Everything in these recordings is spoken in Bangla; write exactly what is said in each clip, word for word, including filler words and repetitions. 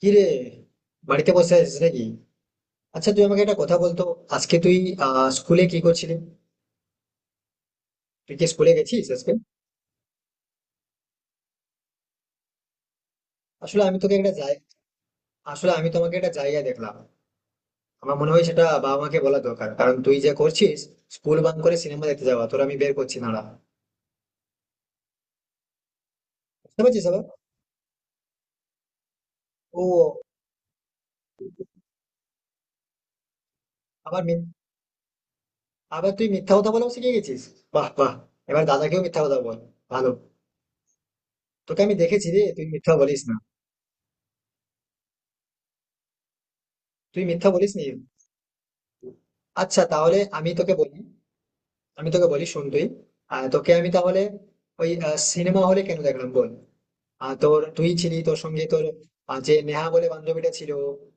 কি রে? বাড়িতে বসে আছিস নাকি? আচ্ছা, তুই আমাকে একটা কথা বলতো। আজকে তুই আহ স্কুলে কি করছিলি? তুই কি স্কুলে গেছিস আজকে? আসলে আমি তোকে একটা জায়গা আসলে আমি তোমাকে একটা জায়গায় দেখলাম। আমার মনে হয় সেটা বাবা মাকে বলা দরকার, কারণ তুই যে করছিস স্কুল বাং করে সিনেমা দেখতে যাওয়া তোর আমি বের করছি না। বুঝতে পারছিস আবার? ও। আবার মিথ- আবার তুই মিথ্যা কথা বলাও শিখে গেছিস। বাহ বাহ! এবার দাদাকেও মিথ্যা কথা বল। ভালো। তোকে আমি দেখেছি রে, তুই মিথ্যা বলিস না। তুই মিথ্যা বলিস নি। আচ্ছা তাহলে আমি তোকে বলি। আমি তোকে বলি, শোন তুই। আহ, তোকে আমি তাহলে ওই সিনেমা হলে কেন দেখলাম বল। আহ, তোর তুই ছিলি, তোর সঙ্গে তোর আহ, যে নেহা বলে বান্ধবীটা ছিল।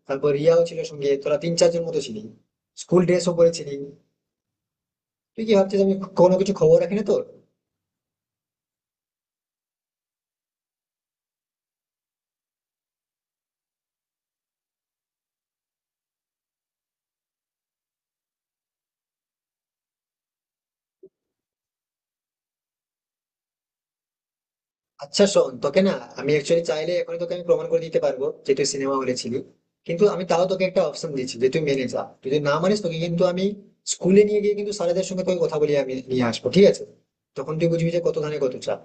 তারপর রিয়াও ছিল, সঙ্গে তোরা তিন চারজন মতো ছিলি। স্কুল ড্রেসও পরেছিলি। তুই কি ভাবছিস আমি কোনো কিছু খবর রাখি না তোর? আচ্ছা শোন, তোকে না আমি অ্যাকচুয়ালি চাইলে এখন তোকে আমি প্রমাণ করে দিতে পারবো যে তুই সিনেমা হলে ছিলি। কিন্তু আমি তাও তোকে একটা অপশন দিচ্ছি যে তুই মেনে যা। তুই যদি না মানিস তোকে কিন্তু আমি স্কুলে নিয়ে গিয়ে কিন্তু স্যারেদের সঙ্গে তোকে কথা বলিয়ে আমি নিয়ে আসবো, ঠিক আছে? তখন তুই বুঝবি যে কত ধানে কত চাল।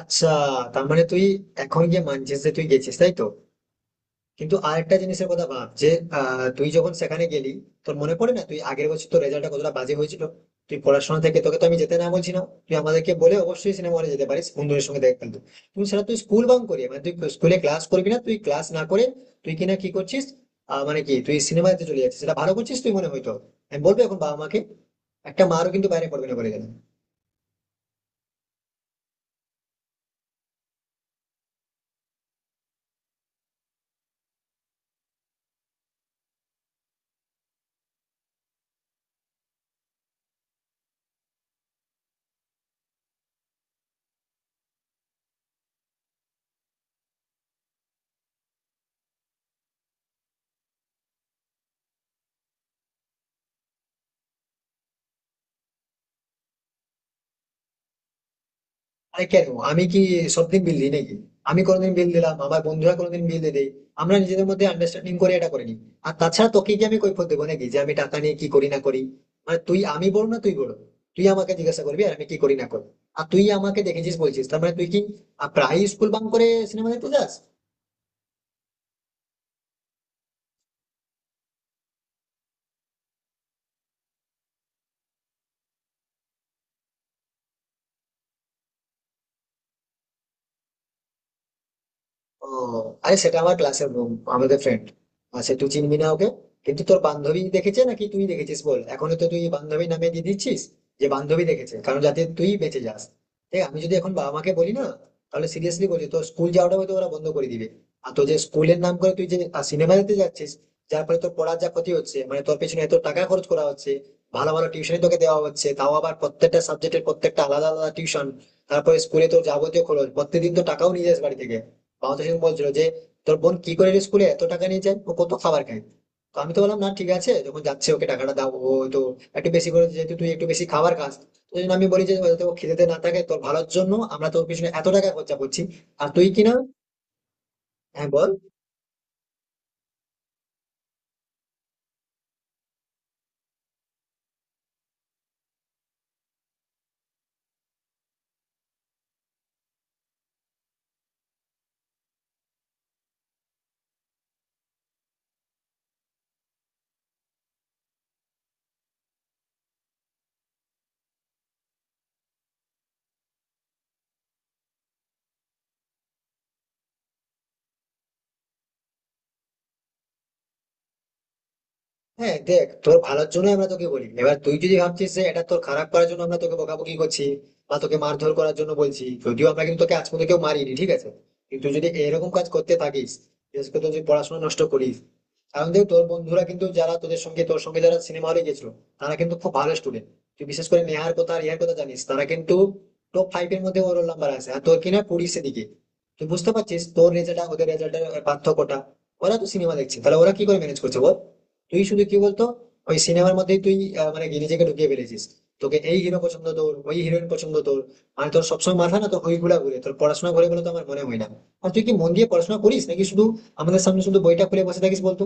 আচ্ছা, তার মানে তুই এখন গিয়ে মানছিস যে তুই গেছিস, তাই তো? কিন্তু আরেকটা জিনিসের কথা ভাব যে আহ, তুই যখন সেখানে গেলি, তোর মনে পড়ে না তুই আগের বছর তোর রেজাল্টটা কতটা বাজে হয়েছিল? তুই পড়াশোনা থেকে তোকে তো আমি যেতে না বলছি না। তুই আমাদেরকে বলে অবশ্যই সিনেমা হলে যেতে পারিস বন্ধুদের সঙ্গে দেখা, কিন্তু তুই সেটা তুই স্কুল বাং করি মানে তুই স্কুলে ক্লাস করবি না, তুই ক্লাস না করে তুই কিনা কি করছিস? আহ, মানে কি তুই সিনেমাতে চলে যাচ্ছিস সেটা ভালো করছিস তুই মনে হয়তো? আমি বলবো এখন বাবা মাকে। একটা মারও কিন্তু বাইরে পড়বে না বলে গেলাম। আরে কেন, আমি কি সবদিন বিল দিই নাকি? আমি কোনোদিন বিল দিলাম, আমার বন্ধুরা কোনোদিন বিল দিয়ে দেয়। আমরা নিজেদের মধ্যে আন্ডারস্ট্যান্ডিং করে এটা করে নিই। আর তাছাড়া তোকে কি আমি কৈফিয়ত দেবো নাকি যে আমি টাকা নিয়ে কি করি না করি? মানে তুই আমি বড় না তুই বড়? তুই আমাকে জিজ্ঞাসা করবি আর আমি কি করি না করি? আর তুই আমাকে দেখেছিস বলছিস, তার মানে তুই কি আহ, প্রায়ই স্কুল বাং করে সিনেমা দেখতে যাস? ও, আরে সেটা আমার ক্লাসের বন্ধু, আমাদের ফ্রেন্ড। আচ্ছা তুই চিনবি না ওকে। কিন্তু তোর বান্ধবী দেখেছে নাকি তুই দেখেছিস বল? এখন তো তুই বান্ধবী নামে দিয়ে দিচ্ছিস যে বান্ধবী দেখেছে, কারণ যাতে তুই বেঁচে যাস। দেখ, আমি যদি এখন বাবা মাকে বলি না, তাহলে সিরিয়াসলি বলি তোর স্কুল যাওয়াটা হয়তো ওরা বন্ধ করে দিবে। আর তোর যে স্কুলের নাম করে তুই যে সিনেমা দেখতে যাচ্ছিস, যার ফলে তোর পড়ার যা ক্ষতি হচ্ছে, মানে তোর পেছনে এত টাকা খরচ করা হচ্ছে। ভালো ভালো টিউশনই তোকে দেওয়া হচ্ছে, তাও আবার প্রত্যেকটা সাবজেক্টের প্রত্যেকটা আলাদা আলাদা টিউশন। তারপরে স্কুলে তোর যাবতীয় খরচ, প্রত্যেকদিন তো টাকাও নিয়ে যাস বাড়ি থেকে। বাবা তো সেরকম বলছিল যে তোর বোন কি করে রে স্কুলে এত টাকা নিয়ে যায়, ও কত খাবার খায়। তো আমি তো বললাম, না ঠিক আছে, যখন যাচ্ছে ওকে টাকাটা দাও, ও তো একটু বেশি করে, যেহেতু তুই একটু বেশি খাবার খাস তো, ওই জন্য আমি বলি যে যাতে ও খিদেতে না থাকে। তোর ভালোর জন্য আমরা তোর পিছনে এত টাকা খরচা করছি, আর তুই কিনা। হ্যাঁ বল। হ্যাঁ দেখ, তোর ভালোর জন্য আমরা তোকে বলি। এবার তুই যদি ভাবছিস যে এটা তোর খারাপ করার জন্য আমরা তোকে বকাবকি করছি, বা তোকে মারধর করার জন্য বলছি, যদিও আমরা কিন্তু তোকে আজ পর্যন্ত কেউ মারিনি, ঠিক আছে? কিন্তু যদি এরকম কাজ করতে থাকিস, বিশেষ করে তুই যদি পড়াশোনা নষ্ট করিস। কারণ দেখ, তোর বন্ধুরা কিন্তু যারা তোদের সঙ্গে তোর সঙ্গে যারা সিনেমা হলে গেছিল তারা কিন্তু খুব ভালো স্টুডেন্ট। তুই বিশেষ করে নেহার কথা আর ইহার কথা জানিস, তারা কিন্তু টপ ফাইভ এর মধ্যে ওর নাম্বার আছে, আর তোর কিনা কুড়ির দিকে। তুই বুঝতে পারছিস তোর রেজাল্ট ওদের রেজাল্টের পার্থক্যটা? ওরা তো সিনেমা দেখছে, তাহলে ওরা কি করে ম্যানেজ করছে বল? তুই শুধু কি বলতো, ওই সিনেমার মধ্যেই তুই আহ, মানে নিজেকে ঢুকিয়ে ফেলেছিস। তোকে এই হিরো পছন্দ, তোর ওই হিরোইন পছন্দ তোর। মানে তোর সবসময় মাথা না তো ওইগুলা ঘুরে, তোর পড়াশোনা ঘুরে বলে তো আমার মনে হয় না। আর তুই কি মন দিয়ে পড়াশোনা করিস নাকি শুধু আমাদের সামনে শুধু বইটা খুলে বসে থাকিস বলতো?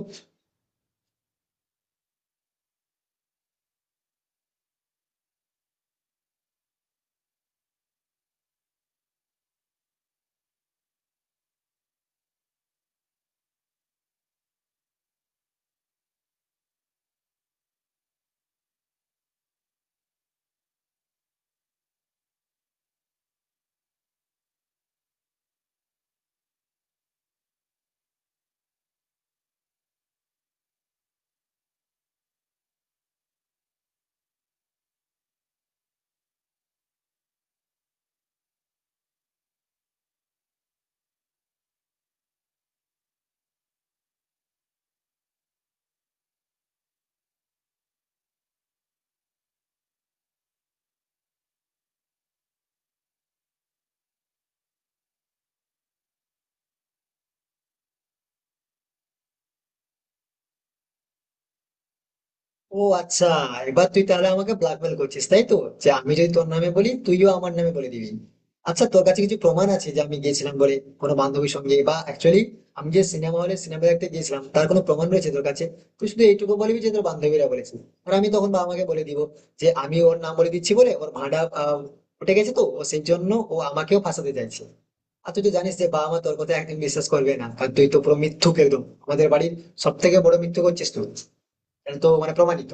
ও আচ্ছা, এবার তুই তাহলে আমাকে ব্ল্যাকমেল করছিস তাই তো? যে আমি যদি তোর নামে বলি তুইও আমার নামে বলে দিবি। আচ্ছা, তোর কাছে কিছু প্রমাণ আছে যে আমি গেছিলাম বলে কোনো বান্ধবীর সঙ্গে, বা অ্যাকচুয়ালি আমি যে সিনেমা হলে সিনেমা দেখতে গিয়েছিলাম তার কোনো প্রমাণ রয়েছে তোর কাছে? তুই শুধু এইটুকু বলবি যে তোর বান্ধবীরা বলেছে, আর আমি তখন বাবা মাকে বলে দিব যে আমি ওর নাম বলে দিচ্ছি বলে ওর ভাঁড়া আহ, উঠে গেছে তো ও সেই জন্য ও আমাকেও ফাঁসাতে চাইছে। আর তুই তো জানিস যে বাবা মা তোর কথা একদম বিশ্বাস করবে না, কারণ তুই তো পুরো মিথ্যুক, একদম আমাদের বাড়ির সব থেকে বড় মিথ্যুক হচ্ছিস তুই। এটা তো মানে প্রমাণিত।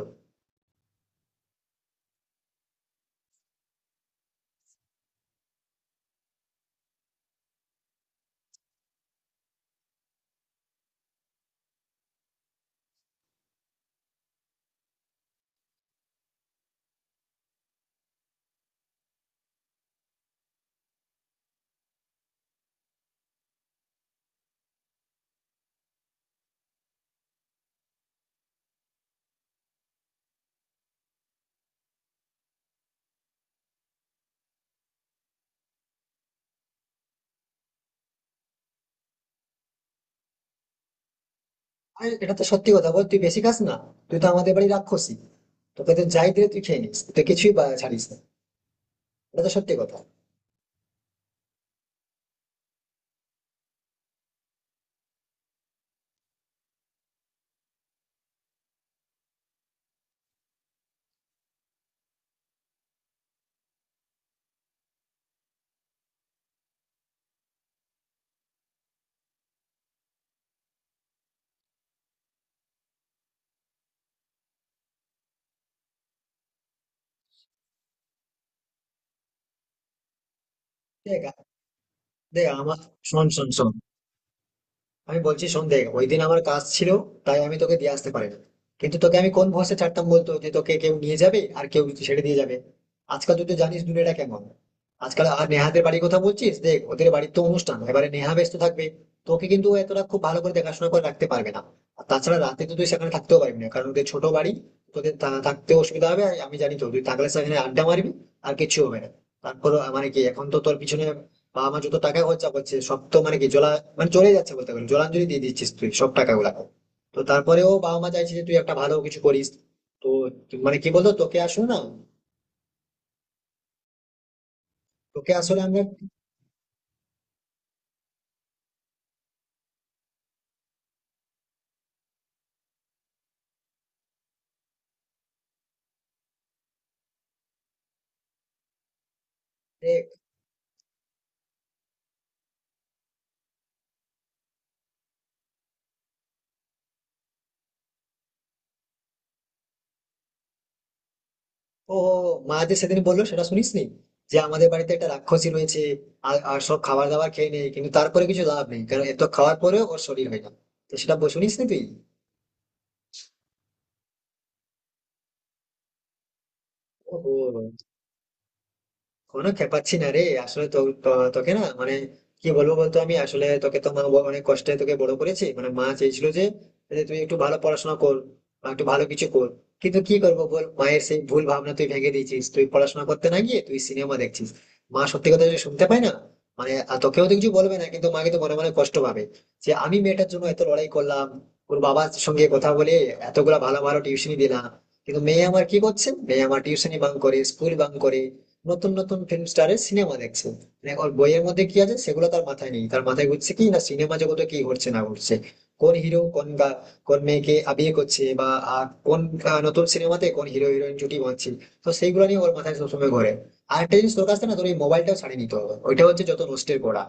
আরে এটা তো সত্যি কথা বল, তুই বেশি খাস না? তুই তো আমাদের বাড়ি রাক্ষসী। তোকে তো যাই দিলে তুই খেয়ে নিস, তুই কিছুই বা- ছাড়িস না। এটা তো সত্যি কথা। দেখ। দেখ আমার, শোন শোন শোন আমি বলছি, শোন। দেখ, ওই দিন আমার কাজ ছিল, তাই আমি তোকে দিয়ে আসতে পারিনি। কিন্তু তোকে আমি কোন ভরসা ছাড়তাম বলতো, যে তোকে কেউ নিয়ে যাবে আর কেউ ছেড়ে দিয়ে যাবে? আজকাল তুই তো জানিস দুনিয়াটা কেমন আজকাল। আর নেহাদের বাড়ির কথা বলছিস, দেখ ওদের বাড়ির তো অনুষ্ঠান এবারে, নেহা ব্যস্ত থাকবে, তোকে কিন্তু ও এতটা খুব ভালো করে দেখাশোনা করে রাখতে পারবে না। আর তাছাড়া রাতে তো তুই সেখানে থাকতেও পারবি না কারণ ওদের ছোট বাড়ি, তোদের থা- থাকতে অসুবিধা হবে। আর আমি জানি তো তুই থাকলে সেখানে আড্ডা মারবি, আর কিছু হবে না। তারপর মানে কি, এখন তো তোর পিছনে বা আমার যত টাকা খরচা করছে সব তো মানে কি জলা মানে চলে যাচ্ছে বলতে গেলে, জলাঞ্জলি দিয়ে দিচ্ছিস তুই সব টাকাগুলা। তো তারপরেও বাবা মা চাইছে যে তুই একটা ভালো কিছু করিস। তো তুই- মানে কি বলতো তোকে আসলে না, তোকে আসলে আমরা, যে ও ও, ও, মা যে সেদিন বললো সেটা শুনিসনি, যে আমাদের বাড়িতে একটা রাক্ষসী রয়েছে? আর আর সব খাবার দাবার খেয়ে নেয়, কিন্তু তারপরে কিছু লাভ নেই কারণ এত খাওয়ার পরেও ওর শরীর হয় না। তো সেটা শুনিস তুই? ওহো, কোনো খেপাচ্ছি না রে। আসলে তো তো- তোকে না মানে কি বলবো বলতো, আমি আসলে তোকে তো মা ব- অনেক কষ্টে তোকে বড় করেছি মানে। মা চেয়েছিল যে, যে তুই একটু ভালো পড়াশোনা কর বা একটু ভালো কিছু কর। কিন্তু কি করবো বল, মায়ের সেই ভুল ভাবনা তুই ভেঙে দিয়েছিস। তুই পড়াশোনা করতে না গিয়ে তুই সিনেমা দেখছিস। মা সত্যি কথা যদি শুনতে পায় না, মানে আর তোকেও তো কিছু বলবে না, কিন্তু মা কিন্তু মনে মনে কষ্ট পাবে যে আমি মেয়েটার জন্য এত লড়াই করলাম, ওর বাবার সঙ্গে কথা বলে এতগুলা ভালো ভালো টিউশনি দিলাম। কিন্তু মেয়ে আমার কি করছে, মেয়ে আমার টিউশনি বাং করে স্কুল বাং করে নতুন নতুন ফিল্ম স্টারের সিনেমা দেখছে। মানে ওর বইয়ের মধ্যে কি আছে সেগুলো তার মাথায় নেই, তার মাথায় ঘুরছে কি না সিনেমা জগতে কি ঘটছে না ঘটছে, কোন হিরো কোন গা- কোন মেয়েকে আহ, বিয়ে করছে, বা আহ, কোন আহ, নতুন সিনেমাতে কোন হিরো হিরোইন জুটি বাঁধছে। তো সেইগুলো নিয়ে ওর মাথায় সবসময় ঘোরে। আর একটা জিনিস, তোর কাছে না তোর এই মোবাইলটাও ছাড়িয়ে নিতে হবে, ওইটা হচ্ছে যত নষ্টের পড়া।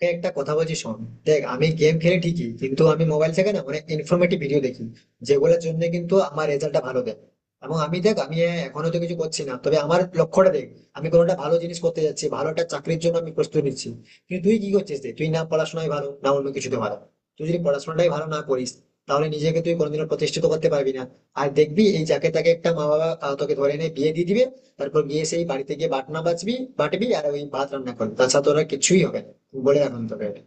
তোকে একটা কথা বলছি, শোন। দেখ আমি গেম খেলি ঠিকই, কিন্তু আমি মোবাইল থেকে না অনেক ইনফরমেটিভ ভিডিও দেখি যেগুলোর জন্য কিন্তু আমার রেজাল্টটা ভালো দেয়। এবং আমি দেখ, আমি এখনো তো কিছু করছি না, তবে আমার লক্ষ্যটা দেখ, আমি কোনো একটা ভালো জিনিস করতে যাচ্ছি, ভালো একটা চাকরির জন্য আমি প্রস্তুতি নিচ্ছি। কিন্তু তুই কি করছিস, দেখ তুই না পড়াশোনায় ভালো না অন্য কিছুতে ভালো। তুই যদি পড়াশোনাটাই ভালো না করিস, তাহলে নিজেকে তুই কোনোদিনও প্রতিষ্ঠিত করতে পারবি না। আর দেখবি এই যাকে তাকে একটা মা বাবা আহ, তোকে ধরে এনে বিয়ে দিয়ে দিবে। তারপর গিয়ে সেই বাড়িতে গিয়ে বাটনা বাজবি বাটবি আর ওই ভাত রান্না করবি, তাছাড়া তোরা কিছুই হবে না। বলে রাখুন তোকে এটা।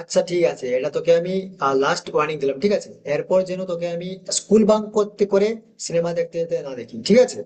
আচ্ছা ঠিক আছে, এটা তোকে আমি লাস্ট ওয়ার্নিং দিলাম, ঠিক আছে? এরপর যেন তোকে আমি স্কুল বাঙ্ক করতে করে সিনেমা দেখতে যেতে না দেখি, ঠিক আছে?